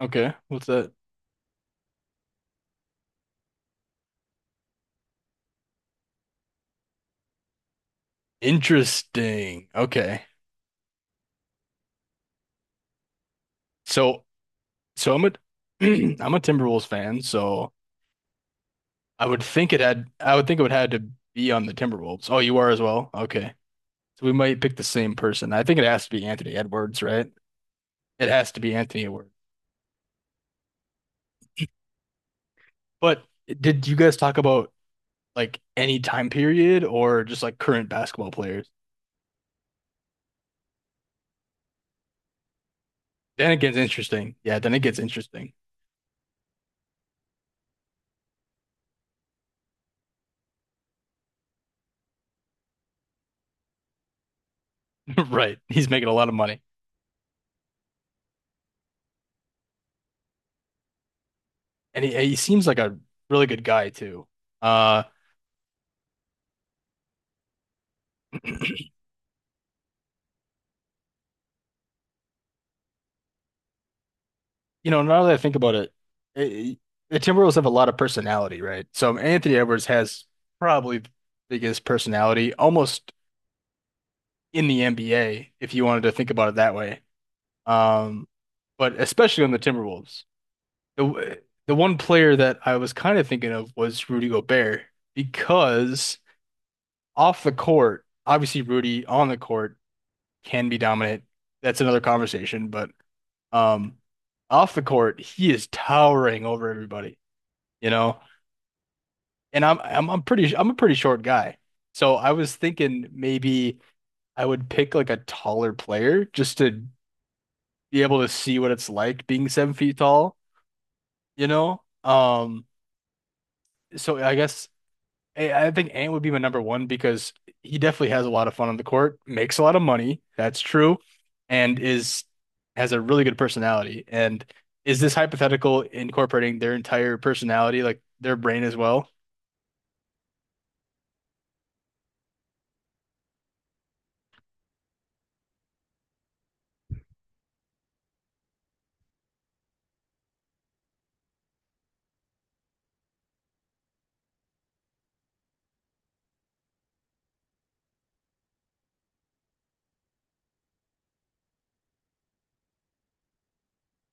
Okay, what's that? Interesting. Okay. So so I'm a I'm a Timberwolves fan, so I would think it would had to be on the Timberwolves. Oh, you are as well? Okay. So we might pick the same person. I think it has to be Anthony Edwards, right? It has to be Anthony Edwards. But did you guys talk about like any time period or just like current basketball players? Then it gets interesting. Yeah, then it gets interesting. Right. He's making a lot of money. And he seems like a really good guy too. Uh now that I think about it, eh, the Timberwolves have a lot of personality, right? So Anthony Edwards has probably the biggest personality, almost in the NBA, if you wanted to think about it that way. Um, but especially on the Timberwolves, the the one player that I was kind of thinking of was Rudy Gobert because off the court, obviously Rudy on the court can be dominant. That's another conversation, but um, off the court, he is towering over everybody. You know, and I'm a pretty short guy. So I was thinking maybe I would pick like a taller player just to be able to see what it's like being 7 feet tall, you know? So I guess I think Ant would be my number one because he definitely has a lot of fun on the court, makes a lot of money, that's true, and is has a really good personality. And is this hypothetical incorporating their entire personality, like their brain as well?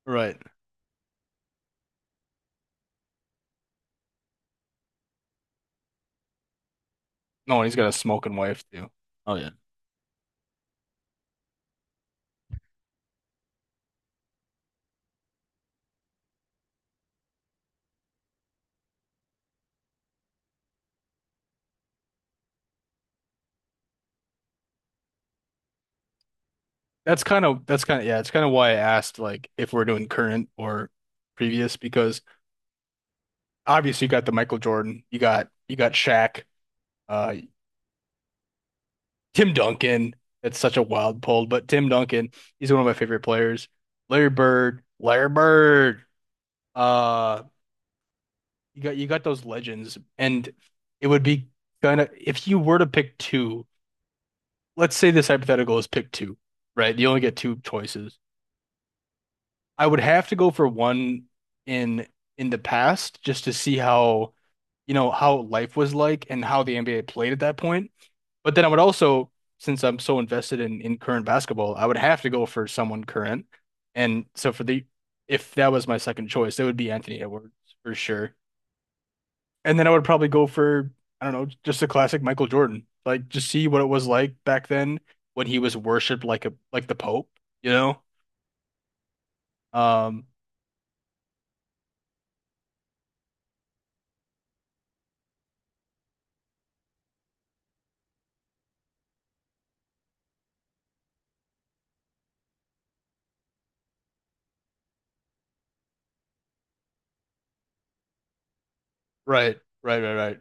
Right. No, he's got a smoking wife too. That's kind of yeah, it's kind of why I asked like if we're doing current or previous because obviously you got the Michael Jordan, you got Shaq, uh Tim Duncan. That's such a wild pull, but Tim Duncan, he's one of my favorite players. Larry Bird, Larry Bird. Uh you got those legends and it would be kind of if you were to pick two, let's say this hypothetical is pick two, right? You only get two choices. I would have to go for one in in the past just to see how, how life was like and how the NBA played at that point. But then I would also, since I'm so invested in current basketball, I would have to go for someone current. And so for the if that was my second choice, it would be Anthony Edwards for sure. And then I would probably go for, I don't know, just a classic Michael Jordan. Like just see what it was like back then when he was worshipped like the Pope, you know? Um, right, right, right, right.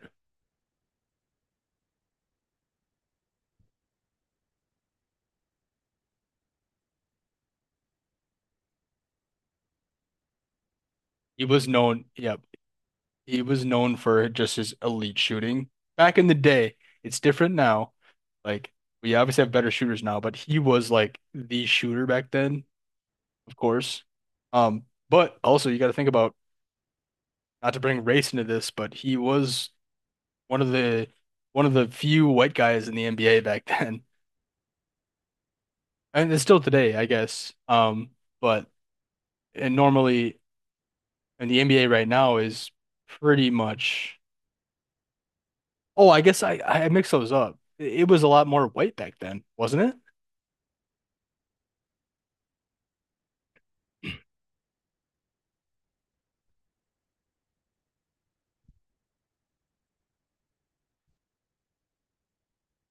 Yep, he was known for just his elite shooting. Back in the day, it's different now. Like we obviously have better shooters now, but he was like the shooter back then, of course. Um, but also you got to think about not to bring race into this, but he was one of the one of the few white guys in the NBA back then, and it's still today, I guess. But and normally, and the NBA right now is pretty much. Oh, I guess I mixed those up. It was a lot more white back then, wasn't it?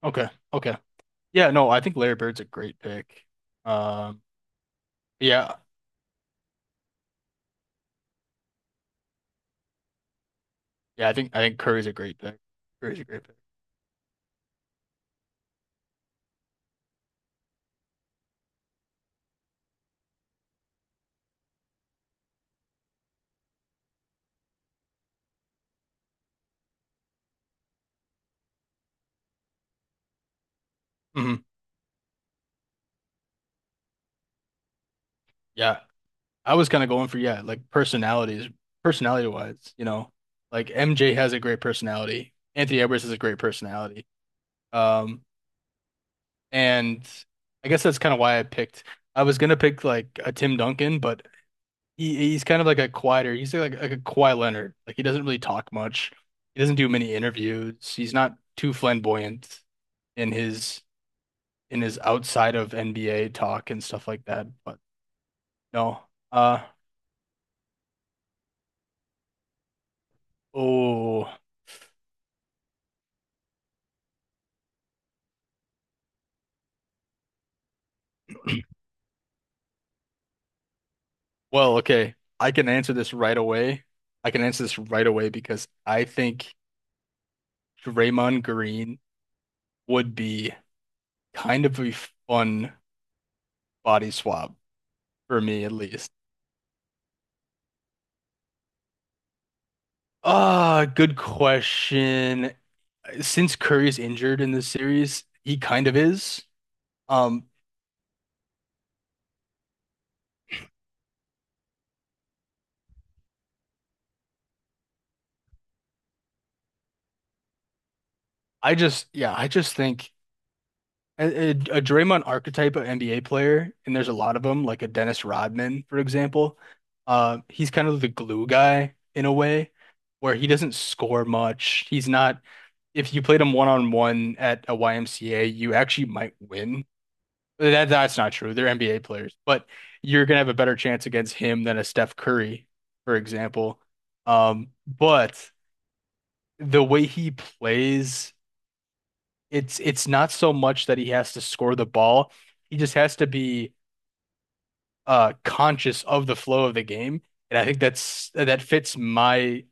Okay, okay. Yeah, no, I think Larry Bird's a great pick. Um, yeah, yeah, I think Curry's a great pick. Curry's a great pick. Hmm. Yeah, I was kind of going for yeah, like personalities, personality wise, like MJ has a great personality. Anthony Edwards has a great personality. Um, and I guess that's kind of why I picked. I was gonna pick like a Tim Duncan, but he's kind of like a quieter. He's like a quiet Leonard. Like he doesn't really talk much. He doesn't do many interviews. He's not too flamboyant in his in his outside of NBA talk and stuff like that. But no. Uh oh. Well, okay. I can answer this right away. I can answer this right away because I think Draymond Green would be kind of a fun body swap for me at least. Ah, good question. Since Curry's injured in this series, he kind of is. Um, yeah, I just think a Draymond archetype of NBA player, and there's a lot of them, like a Dennis Rodman, for example. He's kind of the glue guy in a way, where he doesn't score much. He's not. If you played him one on one at a YMCA, you actually might win. That's not true. They're NBA players, but you're gonna have a better chance against him than a Steph Curry, for example. But the way he plays, it's not so much that he has to score the ball. He just has to be conscious of the flow of the game. And I think that fits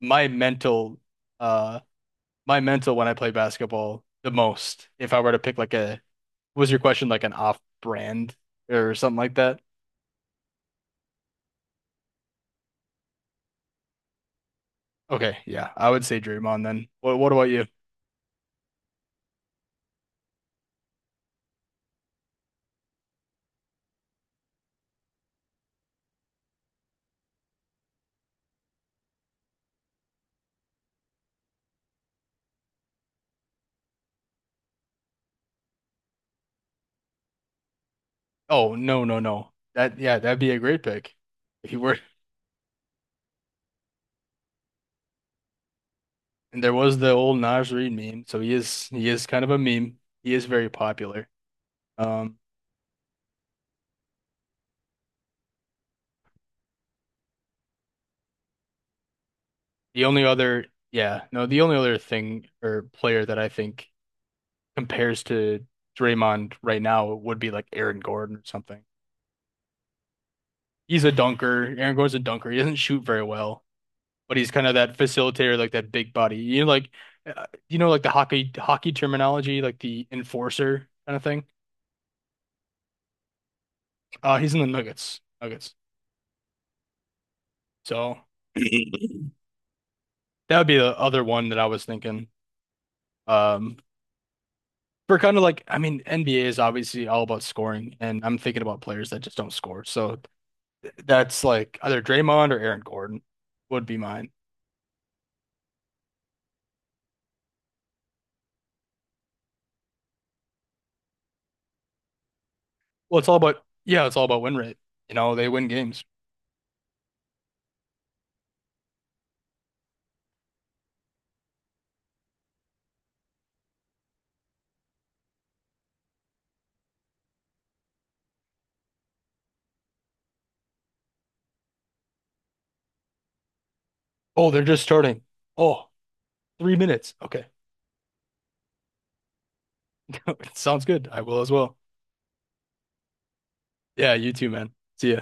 my mental uh my mental when I play basketball the most. If I were to pick like a, was your question like an off brand or something like that? Okay, yeah, I would say Draymond then. What about you? Oh no no no. That yeah, that'd be a great pick. If he were and there was the old Naj Reid meme, so he is kind of a meme. He is very popular. Um the only other yeah, no, the only other thing or player that I think compares to Draymond right now would be like Aaron Gordon or something. He's a dunker. Aaron Gordon's a dunker. He doesn't shoot very well. But he's kind of that facilitator, like that big buddy. Like like the hockey terminology, like the enforcer kind of thing. He's in the Nuggets. Nuggets. So that would be the other one that I was thinking. Um, for kind of like, I mean, NBA is obviously all about scoring, and I'm thinking about players that just don't score. So that's like either Draymond or Aaron Gordon would be mine. Well, yeah, it's all about win rate. They win games. Oh, they're just starting. Oh, 3 minutes. Okay. Sounds good. I will as well. Yeah, you too, man. See ya.